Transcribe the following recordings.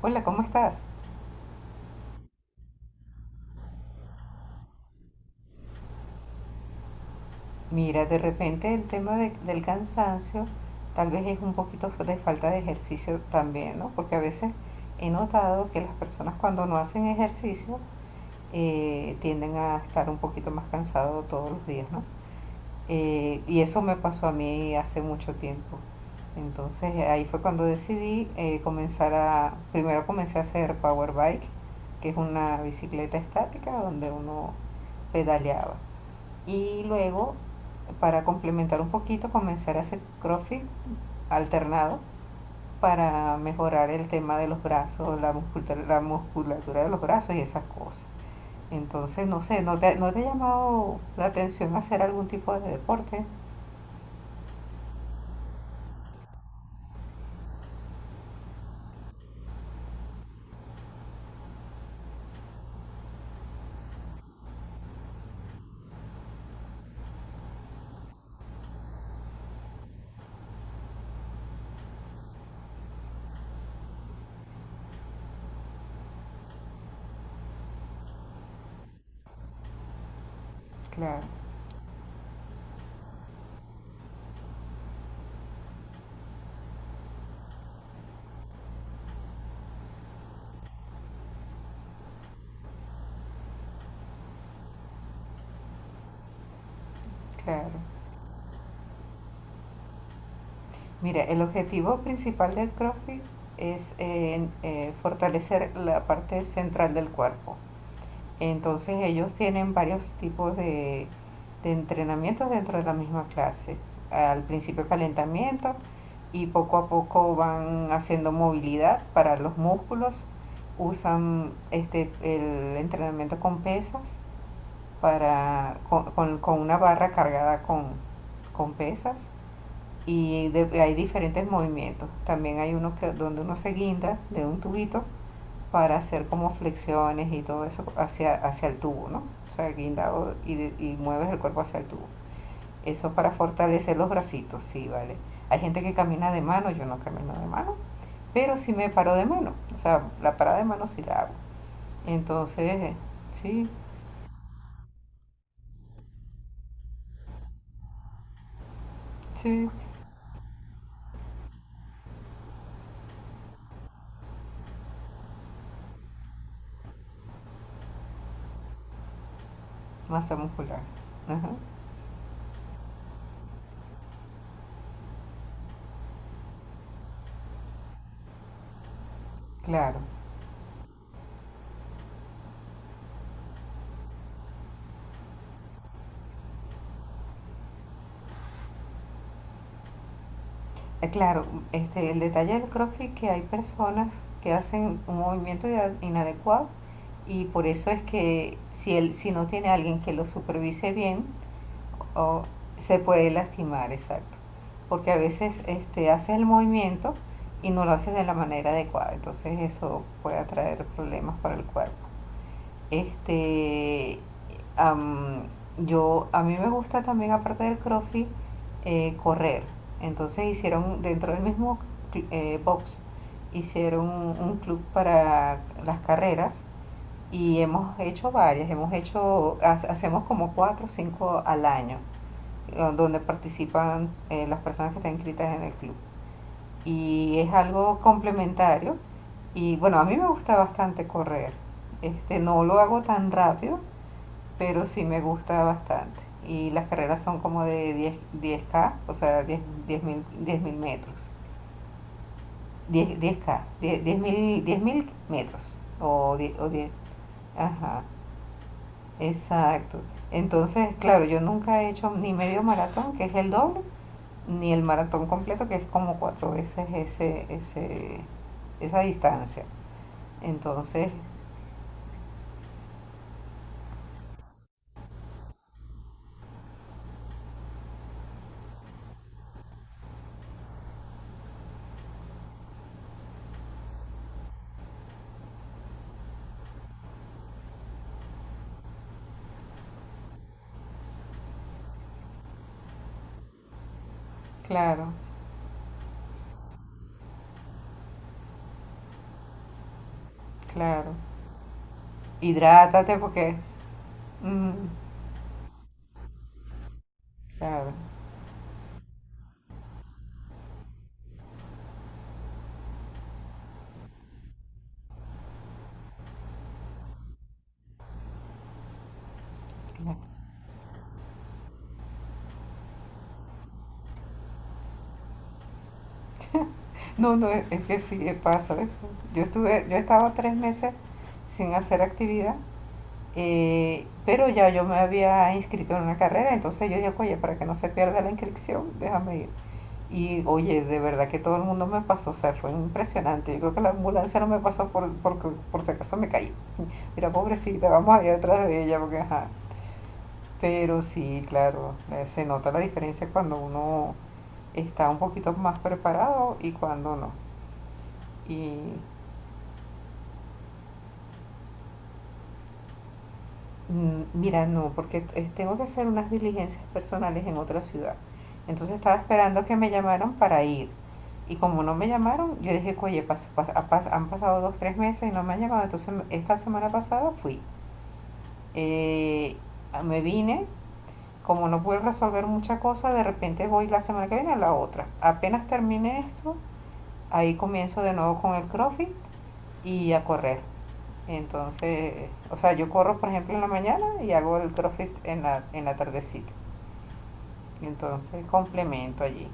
Hola, ¿cómo estás? Mira, de repente el tema del cansancio tal vez es un poquito de falta de ejercicio también, ¿no? Porque a veces he notado que las personas cuando no hacen ejercicio tienden a estar un poquito más cansados todos los días, ¿no? Y eso me pasó a mí hace mucho tiempo. Entonces ahí fue cuando decidí, primero comencé a hacer power bike, que es una bicicleta estática donde uno pedaleaba. Y luego, para complementar un poquito, comenzar a hacer crossfit alternado para mejorar el tema de los brazos, la musculatura de los brazos y esas cosas. Entonces, no sé, ¿no te ha llamado la atención hacer algún tipo de deporte? Claro, claro. Mira, el objetivo principal del CrossFit es fortalecer la parte central del cuerpo. Entonces ellos tienen varios tipos de entrenamientos dentro de la misma clase. Al principio calentamiento y poco a poco van haciendo movilidad para los músculos. Usan el entrenamiento con pesas, con una barra cargada con pesas. Y hay diferentes movimientos. También hay uno donde uno se guinda de un tubito para hacer como flexiones y todo eso hacia el tubo, ¿no? O sea, guindado y mueves el cuerpo hacia el tubo. Eso para fortalecer los bracitos, sí, vale. Hay gente que camina de mano, yo no camino de mano, pero sí me paro de mano. O sea, la parada de mano sí la hago. Entonces, sí, sí, masa muscular. Ajá, claro. Claro, el detalle del CrossFit que hay personas que hacen un movimiento inadecuado y por eso es que si no tiene alguien que lo supervise bien, o se puede lastimar, exacto. Porque a veces haces el movimiento y no lo haces de la manera adecuada, entonces eso puede traer problemas para el cuerpo. Este, am, a mí me gusta también, aparte del CrossFit, correr. Entonces dentro del mismo box, hicieron un club para las carreras y hemos hecho varias, hemos hecho, ha- hacemos como 4 o 5 al año, donde participan las personas que están inscritas en el club. Y es algo complementario y bueno, a mí me gusta bastante correr. No lo hago tan rápido, pero sí me gusta bastante. Y las carreras son como de diez diez k, o sea, 10 10 mil, 10 mil metros. Diez 10K, 10 10 mil, 10 mil metros. O 10, o diez, ajá, exacto. Entonces, claro, yo nunca he hecho ni medio maratón, que es el doble, ni el maratón completo, que es como cuatro veces esa distancia. Entonces, claro, claro. Hidrátate porque… Mm, claro, claro. No, no, que sí, pasa. Yo estaba 3 meses sin hacer actividad, pero ya yo me había inscrito en una carrera, entonces yo dije, oye, para que no se pierda la inscripción, déjame ir. Y oye, de verdad que todo el mundo me pasó, o sea, fue impresionante. Yo creo que la ambulancia no me pasó por si acaso me caí. Mira, pobrecita, vamos a ir atrás de ella, porque ajá. Pero sí, claro, se nota la diferencia cuando uno está un poquito más preparado y cuando no. Y mira, no, porque tengo que hacer unas diligencias personales en otra ciudad. Entonces estaba esperando que me llamaran para ir. Y como no me llamaron, yo dije, oye, han pasado 2, 3 meses y no me han llamado. Entonces esta semana pasada fui. Eh, me vine, como no pude resolver mucha cosa, de repente voy la semana que viene a la otra. Apenas terminé eso, ahí comienzo de nuevo con el CrossFit y a correr. Entonces, o sea, yo corro, por ejemplo, en la mañana y hago el CrossFit en la tardecita. Entonces, complemento allí.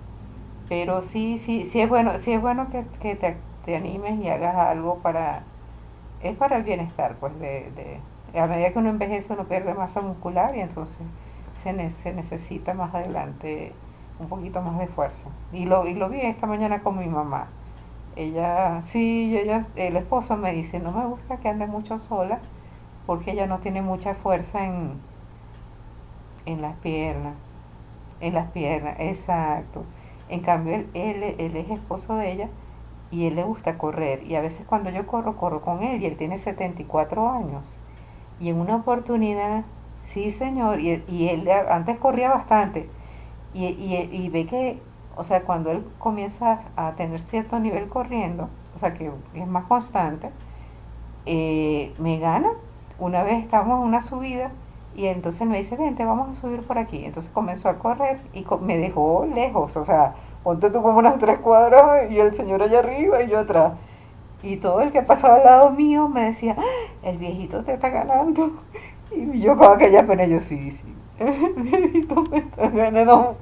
Pero sí, sí, sí es bueno que te animes y hagas algo es para el bienestar, pues, a medida que uno envejece uno pierde masa muscular y entonces se necesita más adelante un poquito más de fuerza. Y lo vi esta mañana con mi mamá. Ella, sí, ella, el esposo me dice, no me gusta que ande mucho sola porque ella no tiene mucha fuerza en las piernas, en las piernas, exacto. En cambio, él es esposo de ella y él le gusta correr. Y a veces cuando yo corro, corro con él, y él tiene 74 años. Y en una oportunidad, sí señor, y él antes corría bastante y ve o sea, cuando él comienza a tener cierto nivel corriendo, o sea, que es más constante, me gana. Una vez estábamos en una subida y entonces me dice, vente, vamos a subir por aquí. Entonces comenzó a correr y me dejó lejos, o sea, ponte tú como unas 3 cuadras y el señor allá arriba y yo atrás. Y todo el que pasaba al lado mío me decía: "Ah, el viejito te está ganando". Y yo con aquella pena, yo sí, sí, el viejito me está ganando.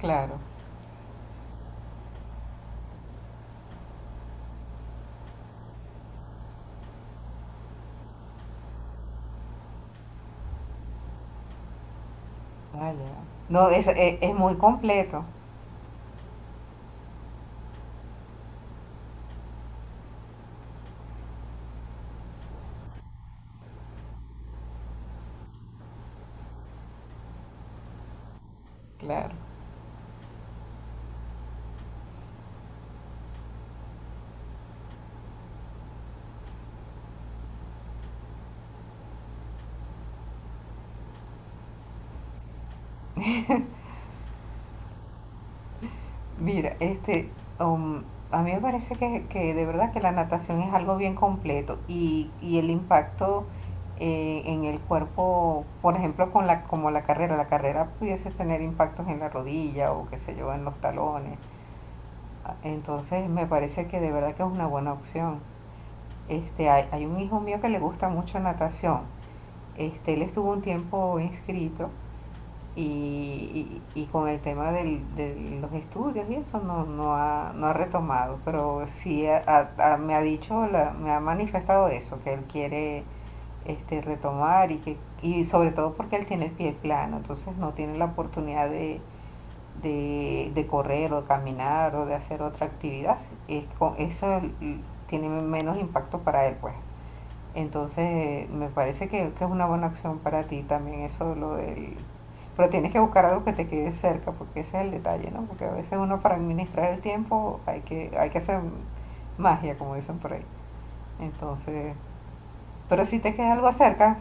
Claro, vaya. No, es muy completo, claro. Mira, um, a mí me parece que de verdad que la natación es algo bien completo, y el impacto en el cuerpo, por ejemplo, con como la carrera pudiese tener impactos en la rodilla o qué sé yo, en los talones. Entonces me parece que de verdad que es una buena opción. Hay un hijo mío que le gusta mucho natación. Él estuvo un tiempo inscrito, y con el tema de los estudios y eso no ha retomado, pero sí me ha dicho, me ha manifestado eso, que él quiere retomar, y sobre todo porque él tiene el pie plano, entonces no tiene la oportunidad de correr o de caminar o de hacer otra actividad, eso tiene menos impacto para él, pues. Entonces, me parece que es una buena acción para ti también, eso lo del… Pero tienes que buscar algo que te quede cerca, porque ese es el detalle, ¿no? Porque a veces uno para administrar el tiempo hay que hacer magia, como dicen por ahí. Entonces, pero si te queda algo cerca,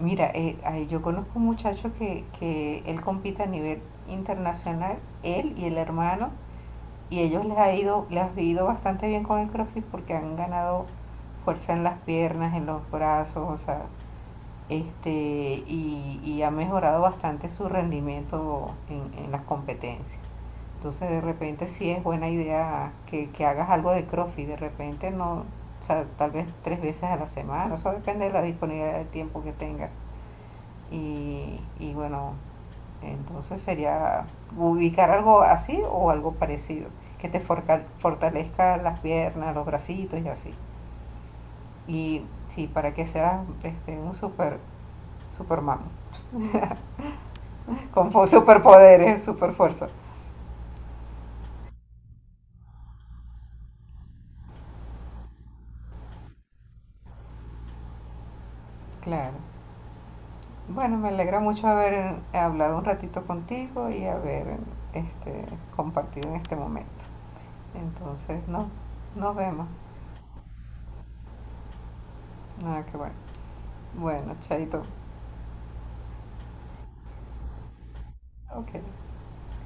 mira, yo conozco un muchacho que él compite a nivel internacional, él y el hermano, y ellos les ha ido bastante bien con el CrossFit porque han ganado fuerza en las piernas, en los brazos, o sea, este, y ha mejorado bastante su rendimiento en las competencias. Entonces de repente sí es buena idea que hagas algo de CrossFit, de repente no, o sea, tal vez 3 veces a la semana, eso depende de la disponibilidad de tiempo que tengas. Y bueno, entonces sería ubicar algo así o algo parecido, que te fortalezca las piernas, los bracitos y así. Y sí, para que seas un superman. Con superpoderes, super. Claro. Bueno, me alegra mucho haber hablado un ratito contigo y haber este, compartido en este momento. Entonces, no, nos vemos. Nada, que bueno. Bueno, chaito. Okay.